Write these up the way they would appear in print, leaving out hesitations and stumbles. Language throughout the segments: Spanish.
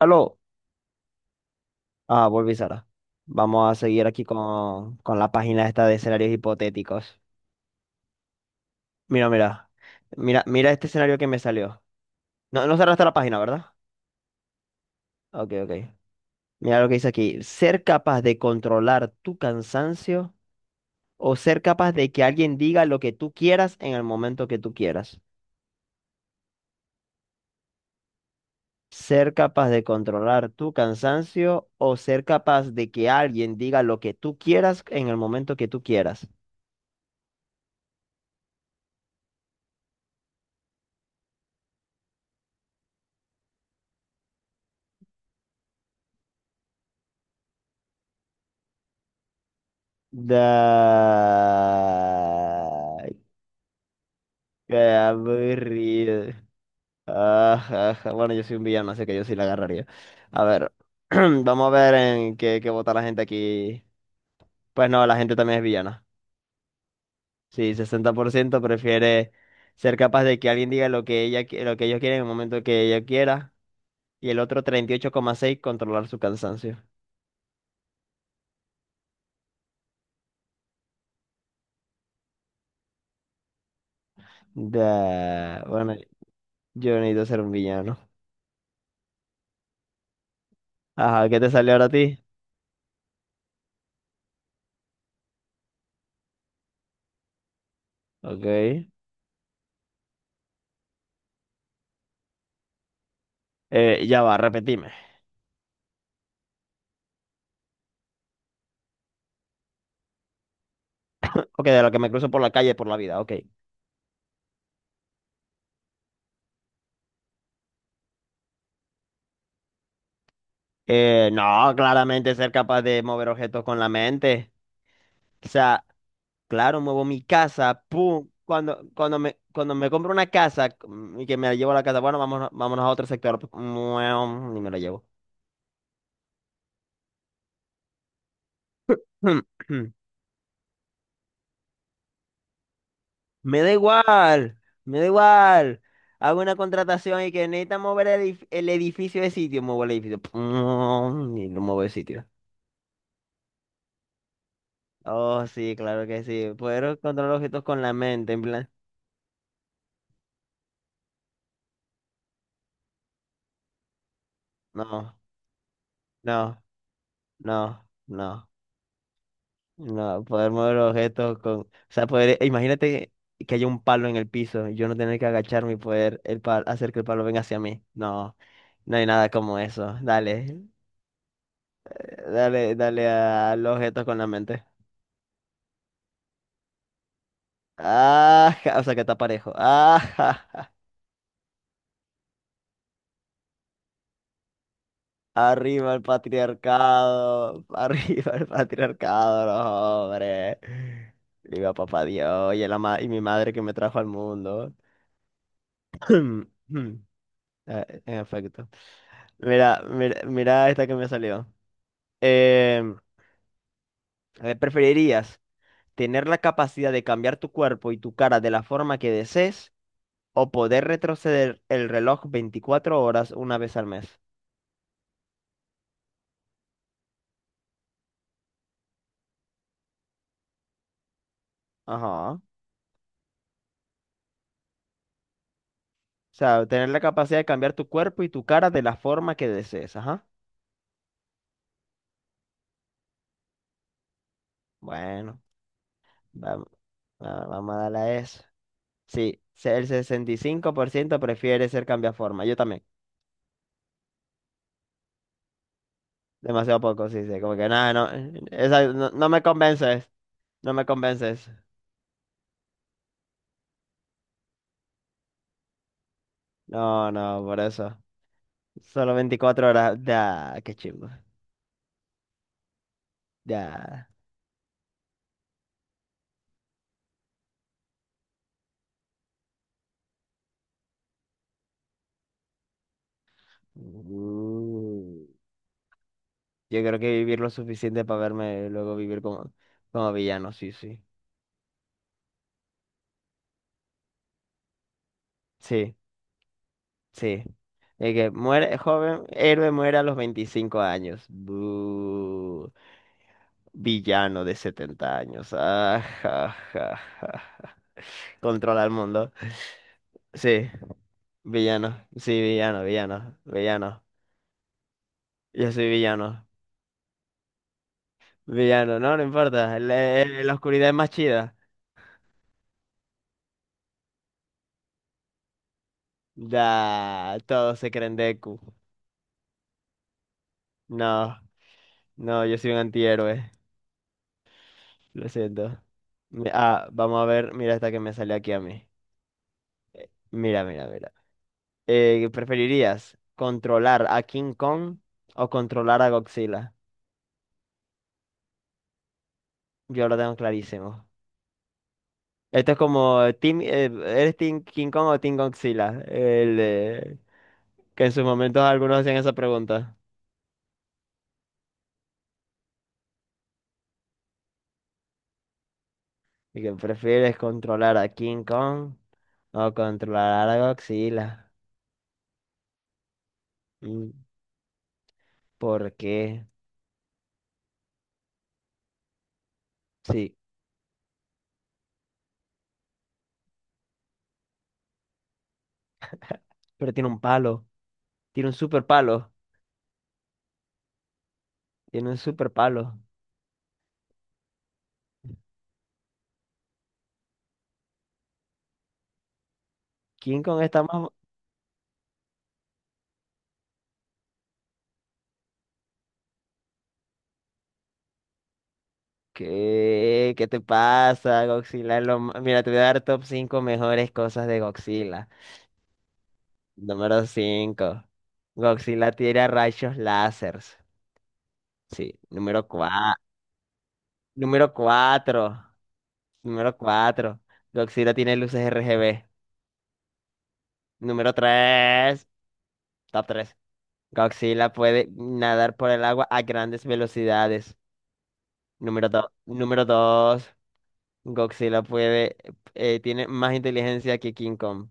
Aló, volví Sara. Vamos a seguir aquí con la página esta de escenarios hipotéticos. Mira, mira, mira, mira este escenario que me salió. No, no cerraste la página, ¿verdad? Ok, ok. Mira lo que dice aquí. Ser capaz de controlar tu cansancio o ser capaz de que alguien diga lo que tú quieras en el momento que tú quieras. Ser capaz de controlar tu cansancio o ser capaz de que alguien diga lo que tú quieras en el momento que tú quieras. Da... Qué aburrido. Ajá, ajá. Bueno, yo soy un villano, así que yo sí la agarraría. A ver, vamos a ver en qué vota la gente aquí. Pues no, la gente también es villana. Sí, 60% prefiere ser capaz de que alguien diga lo que ella, lo que ellos quieren en el momento que ella quiera. Y el otro 38,6 controlar su cansancio. Da... Bueno, yo necesito ser un villano. Ajá, ¿qué te salió ahora a ti? Ok. Ya va, repetime. Ok, de lo que me cruzo por la calle, por la vida, ok. No, claramente ser capaz de mover objetos con la mente. O sea, claro, muevo mi casa, pum. Cuando me compro una casa, y que me la llevo a la casa, bueno, vámonos, vámonos a otro sector. Mueom, ni me la llevo. Me da igual, me da igual. Hago una contratación y que necesita mover el edificio de sitio, muevo el edificio. Pum, y lo muevo de sitio. Oh, sí, claro que sí. Poder controlar objetos con la mente, en plan. No. No, no, no, no, poder mover objetos con, o sea, poder, imagínate que haya un palo en el piso y yo no tener que agacharme y poder hacer que el palo venga hacia mí. No, no hay nada como eso. Dale, dale, dale al objetos con la mente. Ah, ja, o sea que está parejo. Ah, ja, arriba el patriarcado, arriba el patriarcado, no, hombre. Viva papá Dios y mi madre que me trajo al mundo. Ah, en efecto. Mira, mira, mira esta que me salió. Em, ¿Preferirías tener la capacidad de cambiar tu cuerpo y tu cara de la forma que desees o poder retroceder el reloj 24 horas una vez al mes? Ajá. O sea, tener la capacidad de cambiar tu cuerpo y tu cara de la forma que desees. Ajá. Bueno, vam- vamos a darle a eso. Sí, el 65% prefiere ser cambiaforma. Yo también. Demasiado poco, sí, sí. Como que nada, no, esa no, no me convence. No me convences. No, no, por eso. Solo 24 horas. Ya, qué chimbo. Ya. Uh, yo creo que vivir lo suficiente para verme luego vivir como villano, sí, sí. Sí, sí. De que muere, joven, héroe muere a los 25 años. Buh. Villano de 70 años. Ah, ja, ja, ja, ja. Controla el mundo. Sí, villano. Sí, villano, villano, villano. Yo soy villano. Villano, no, no importa. La oscuridad es más chida. Da, todos se creen Deku. No, no, yo soy un antihéroe. Lo siento. Vamos a ver, mira esta que me sale aquí a mí. Mira, mira, mira. ¿Preferirías controlar a King Kong o controlar a Godzilla? Yo lo tengo clarísimo. Esto es como, team, ¿eres Team King Kong o Team Godzilla? Que en sus momentos algunos hacían esa pregunta. ¿Y que prefieres controlar a King Kong o controlar a Godzilla? Mm, ¿por qué? Sí, pero tiene un palo. Tiene un super palo. Tiene un super palo. King Kong está más... ¿Qué? ¿Qué te pasa? Godzilla es lo ma- Mira, te voy a dar top cinco mejores cosas de Godzilla. Número 5, Godzilla tira rayos láseres. Sí. Número 4, Número 4. Godzilla tiene luces RGB. Número 3, Top 3, Godzilla puede nadar por el agua a grandes velocidades. Número 2, Godzilla puede, tiene más inteligencia que King Kong.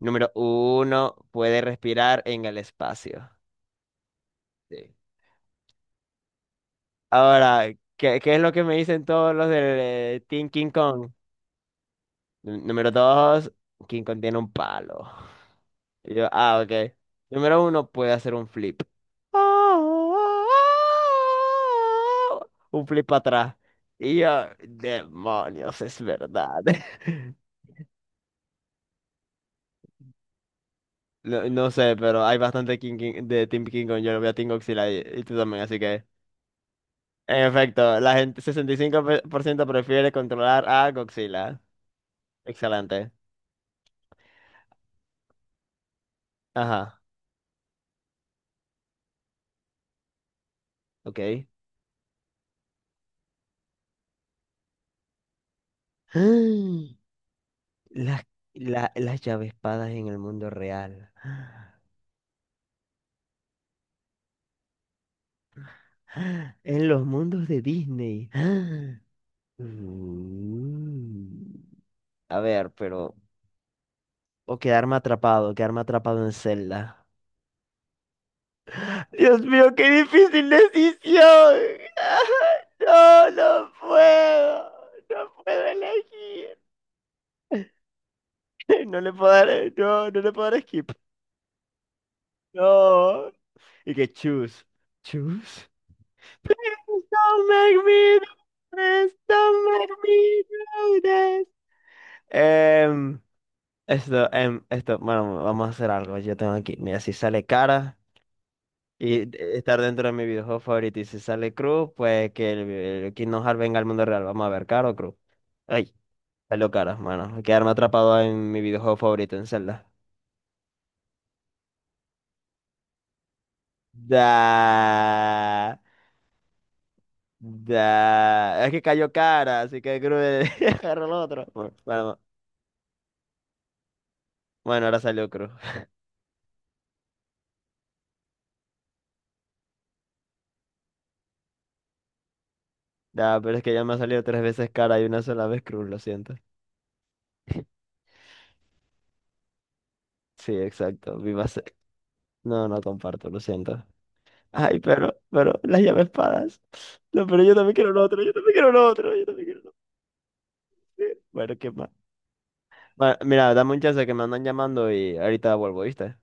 Número uno, puede respirar en el espacio. Sí. Ahora, qué es lo que me dicen todos los del Team King Kong? Número 2, King Kong tiene un palo. Y yo, ah, ok. Número uno, puede hacer un flip. Un flip para atrás. Y yo, demonios, es verdad. No, no sé, pero hay bastante de Team King Kong. Yo lo veo a Team Godzilla y tú también, así que. En efecto, la gente, 65% prefiere controlar a Godzilla. Excelente. Ajá, ok. Las, las llavespadas en el mundo real. ¡Ah! En los mundos de Disney. ¡Ah! Mm. A ver, pero... O quedarme atrapado en celda. Dios mío, qué difícil decisión. No, no puedo. No puedo elegir. No le puedo dar, no le puedo dar skip. No. Y que choose. Choose. Please don't make me do this. Don't make me do this. Em, esto, bueno, vamos a hacer algo. Yo tengo aquí, mira, si sale cara y estar dentro de mi videojuego favorito, y si sale cruz, pues que el Kingdom Hearts venga al mundo real. Vamos a ver, cara o cruz. Ay, salió cara, mano. Quedarme atrapado en mi videojuego favorito, en Zelda. Da, da. Es que cayó cara, así que cruz agarró el otro. Bueno, bueno, ahora salió cruz. Da, pero es que ya me ha salido tres veces cara y una sola vez cruz, lo siento. Sí, exacto. Viva. No, no comparto, lo siento. Ay, pero, las llaves espadas. No, pero yo también quiero lo otro, yo también quiero lo otro, yo también quiero lo otro. Bueno, qué más. Bueno, mira, dame un chance que me andan llamando y ahorita vuelvo, ¿viste?